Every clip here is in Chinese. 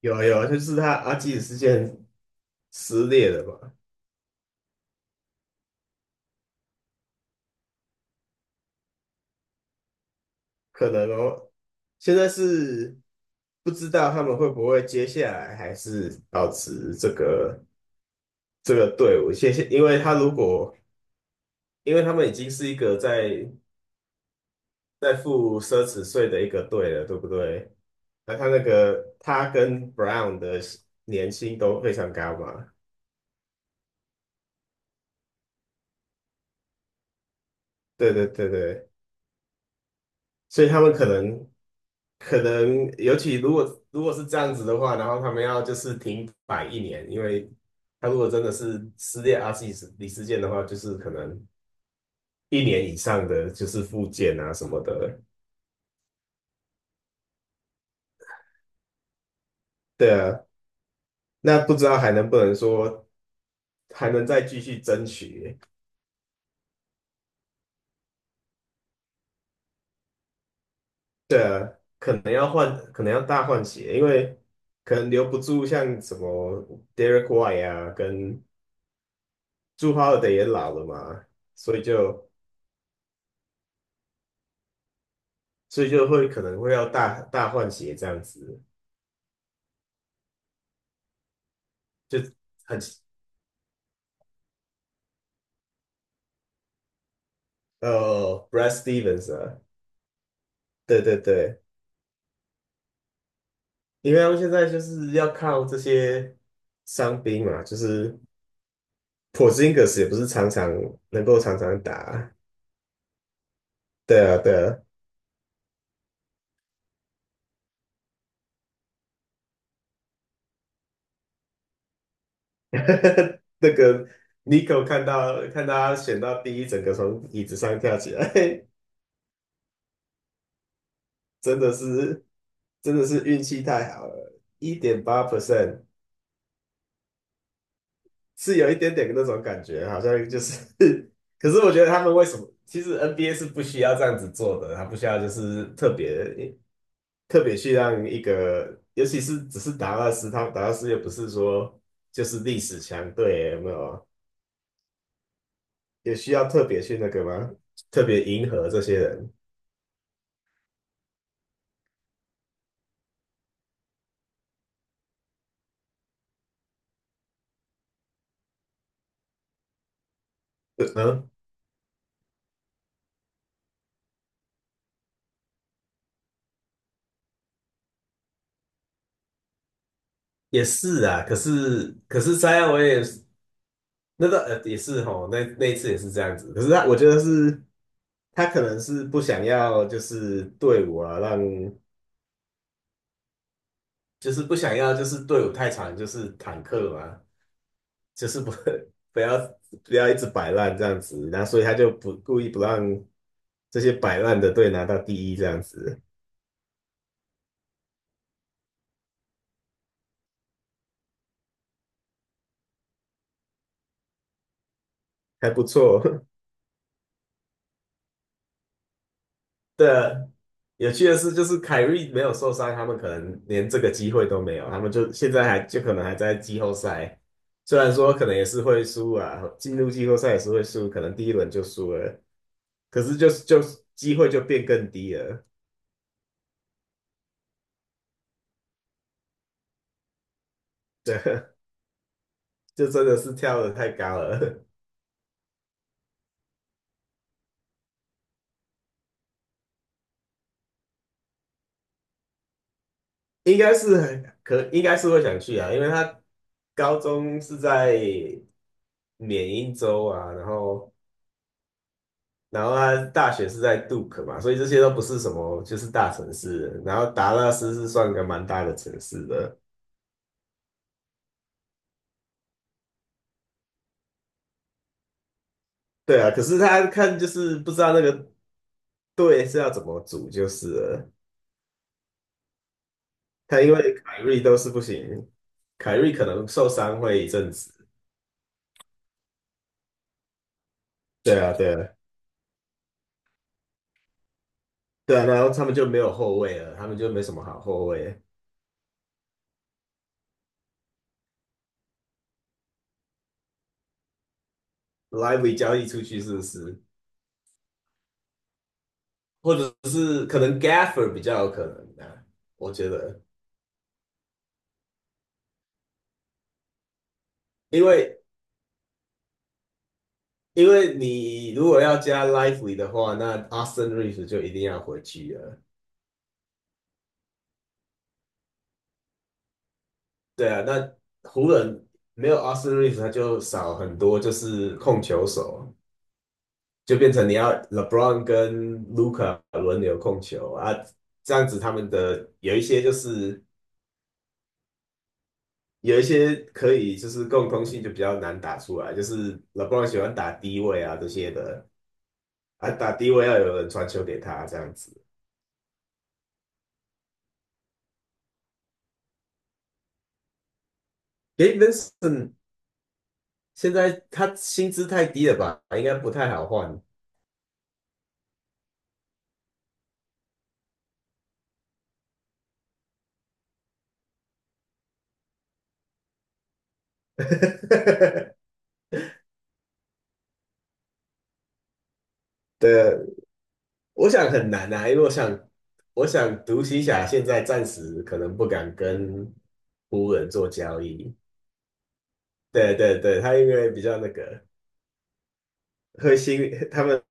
有啊有，啊，就是他阿基里斯腱撕裂了嘛，可能哦。现在是不知道他们会不会接下来还是保持这个队伍，谢谢，因为他们已经是一个在付奢侈税的一个队了，对不对？那他那个他跟 Brown 的年薪都非常高嘛，对对对对，所以他们可能。可能尤其如果是这样子的话，然后他们要就是停摆一年，因为他如果真的是撕裂阿基里斯腱的话，就是可能一年以上的就是复健啊什么的。对啊，那不知道还能不能说还能再继续争取？对啊，可能要换，可能要大换血，因为可能留不住像什么 Derek White 啊，跟朱 h o l 也老了嘛，所以就。所以就会可能会要大大换血这样子，就很Brad Stevens 啊，对对对，因为他们现在就是要靠这些伤兵嘛，就是 Porzingis 也不是常常能够常常打，对啊对啊，那个 Nico 看到他选到第一，整个从椅子上跳起来，真的是真的是运气太好了，1.8%。是有一点点那种感觉，好像就是 可是我觉得他们为什么？其实 NBA 是不需要这样子做的，他不需要就是特别去让一个，尤其是只是达拉斯，他达拉斯又不是说就是历史强队，有没有？也需要特别去那个吗？特别迎合这些人？嗯，也是啊。可是 Zion w 那个也是吼，那一次也是这样子。可是我觉得是他可能是不想要就是队伍啊让。就是不想要，就是队伍太长，就是坦克嘛，就是不 不要不要一直摆烂这样子，然后所以他就不故意不让这些摆烂的队拿到第一这样子，还不错。对啊，有趣的是，就是凯瑞没有受伤，他们可能连这个机会都没有，他们就现在还就可能还在季后赛，虽然说可能也是会输啊，进入季后赛也是会输，可能第一轮就输了，可是就是机会就变更低了。对，就真的是跳的太高了，应该是会想去啊，因为他高中是在缅因州啊，然后他大学是在杜克嘛，所以这些都不是什么就是大城市，然后达拉斯是算个蛮大的城市的，对啊，可是他看就是不知道那个队是要怎么组就是了，他因为凯瑞都是不行，凯瑞可能受伤会一阵子，对啊对啊对啊，然后他们就没有后卫了，他们就没什么好后卫。lively 交易出去是不是？或者是可能 Gaffer 比较有可能的啊？我觉得，因为因为你如果要加 lively 的话，那 Austin Reeves 就一定要回去了。对啊，那湖人没有 Austin Reeves,他就少很多，就是控球手，就变成你要 LeBron 跟 Luka 轮流控球啊，这样子他们的有一些可以就是共通性就比较难打出来，就是 LeBron 喜欢打低位啊这些的啊，打低位要有人传球给他这样子。给 v i n c e n 现在他薪资太低了吧，应该不太好换。对，我想很难啊，因为我想独行侠现在暂时可能不敢跟湖人做交易。对对对，他因为比较那个。会心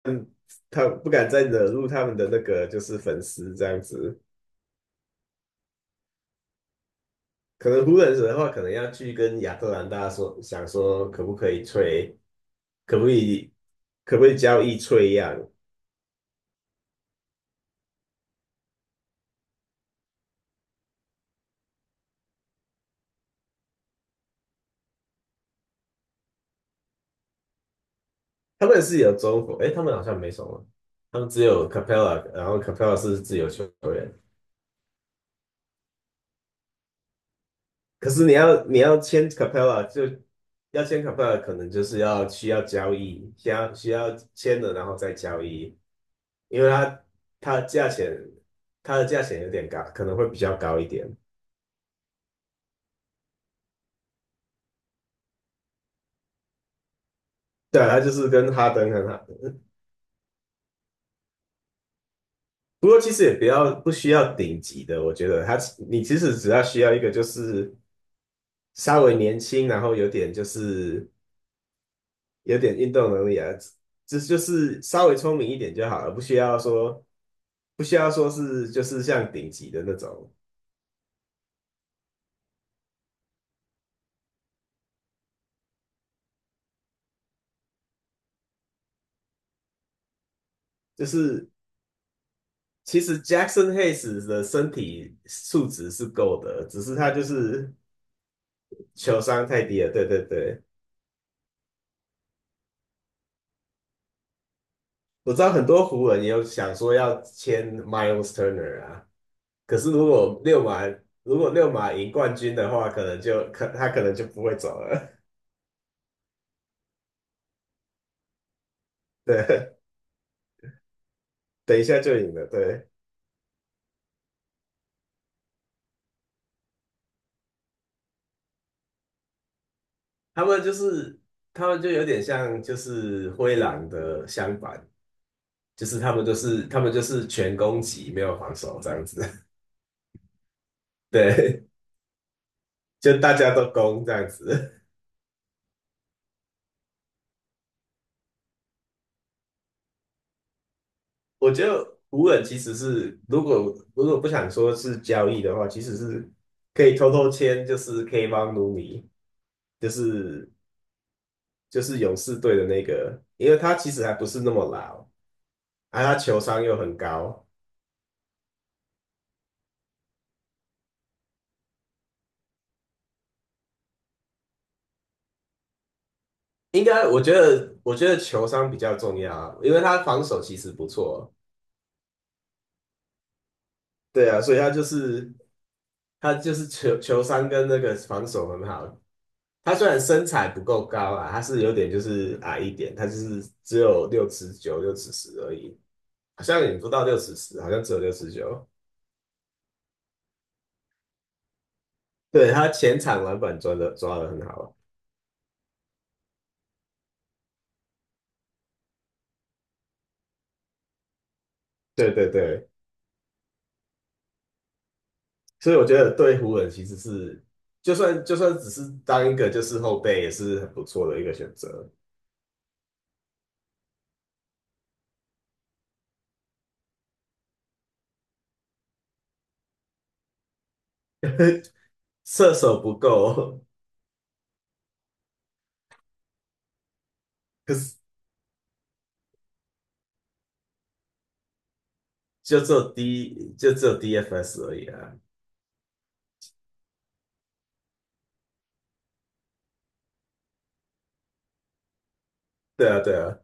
他不敢再惹怒他们的那个就是粉丝这样子。可能湖人的话，可能要去跟亚特兰大说，想说可不可以吹，可不可以可不可以交易吹样？他们是有中国，诶，他们好像没什么，他们只有 Capella,然后 Capella 是自由球员。可是你要签 Capella 就要签 Capella,可能就是要需要交易，需要签了然后再交易。因为它的价钱，它的价钱有点高，可能会比较高一点。对啊，它就是跟哈登很好，不过其实也不需要顶级的，我觉得你其实只要需要一个就是稍微年轻，然后有点运动能力啊，只就是稍微聪明一点就好了，不需要说是就是像顶级的那种，就是其实 Jackson Hayes 的身体素质是够的，只是他就是球商太低了，对对对。我知道很多湖人也有想说要签 Miles Turner 啊，可是如果六马赢冠军的话，可能就可他可能就不会走了。对，等一下就赢了。对，他们就是他们就有点像就是灰狼的相反，就是他们就是全攻击，没有防守这样子。对，就大家都攻这样子。我觉得无人其实是，如果不想说是交易的话，其实是可以偷偷签，就是 K 帮努米，就是就是勇士队的那个，因为他其实还不是那么老，而他球商又很高，应该我觉得我觉得球商比较重要啊，因为他防守其实不错，对啊，所以他就是球商跟那个防守很好，他虽然身材不够高啊，他是有点就是矮一点，他就是只有六尺九、六尺十而已，好像也不到六尺十，好像只有六尺九。对，他前场篮板抓的很好，对对对，所以我觉得对湖人其实是，就算只是当一个就是后备也是很不错的一个选择。射手不够，可是就只有 DFS 而已啊。对啊，对啊。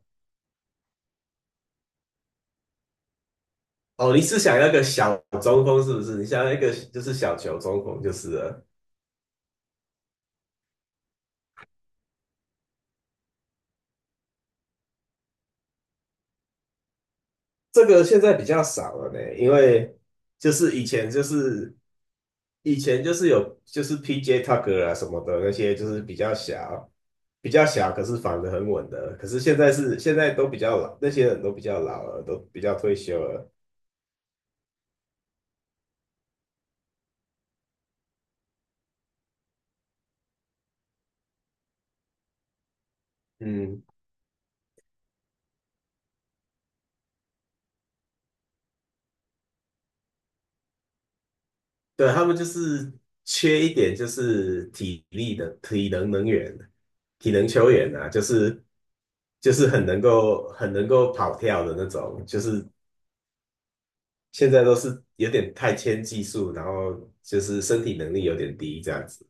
哦，你是想要个小中锋是不是？你想要一个就是小球中锋就是了。这个现在比较少了呢，因为就是以前就是有就是 PJ Tucker 啊什么的那些，就是比较小，可是防得很稳的。可是现在都比较老，那些人都比较老了，都比较退休了。嗯，对，他们就是缺一点，就是体力的体能能源、体能球员啊，就是很能够跑跳的那种，就是现在都是有点太偏技术，然后就是身体能力有点低这样子。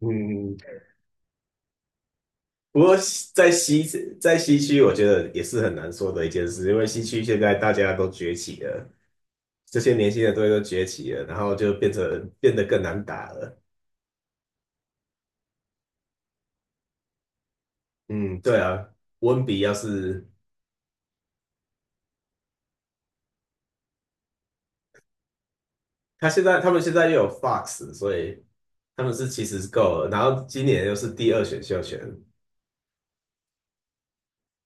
嗯，不过在西在西区，我觉得也是很难说的一件事，因为西区现在大家都崛起了，这些年轻的队都崛起了，然后就变得更难打了。嗯，对啊，温比要是他们现在又有 Fox,所以他们是其实是够了。然后今年又是第二选秀权，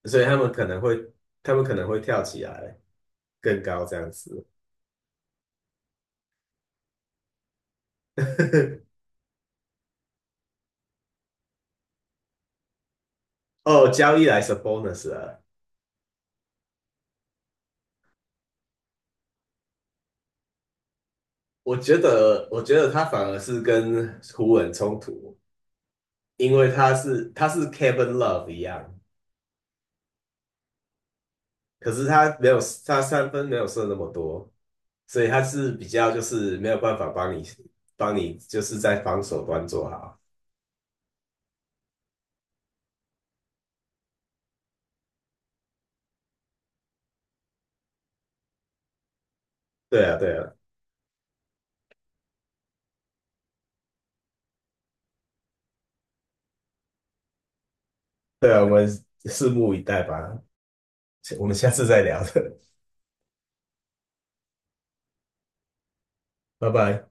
所以他们可能会跳起来更高这样子。哦，交易来是 bonus 啊，我觉得他反而是跟湖人冲突，因为他是 Kevin Love 一样，可是他三分没有射那么多，所以他是比较就是没有办法帮你就是在防守端做好。对啊，对啊，对啊，我们拭目以待吧，我们下次再聊的 拜拜。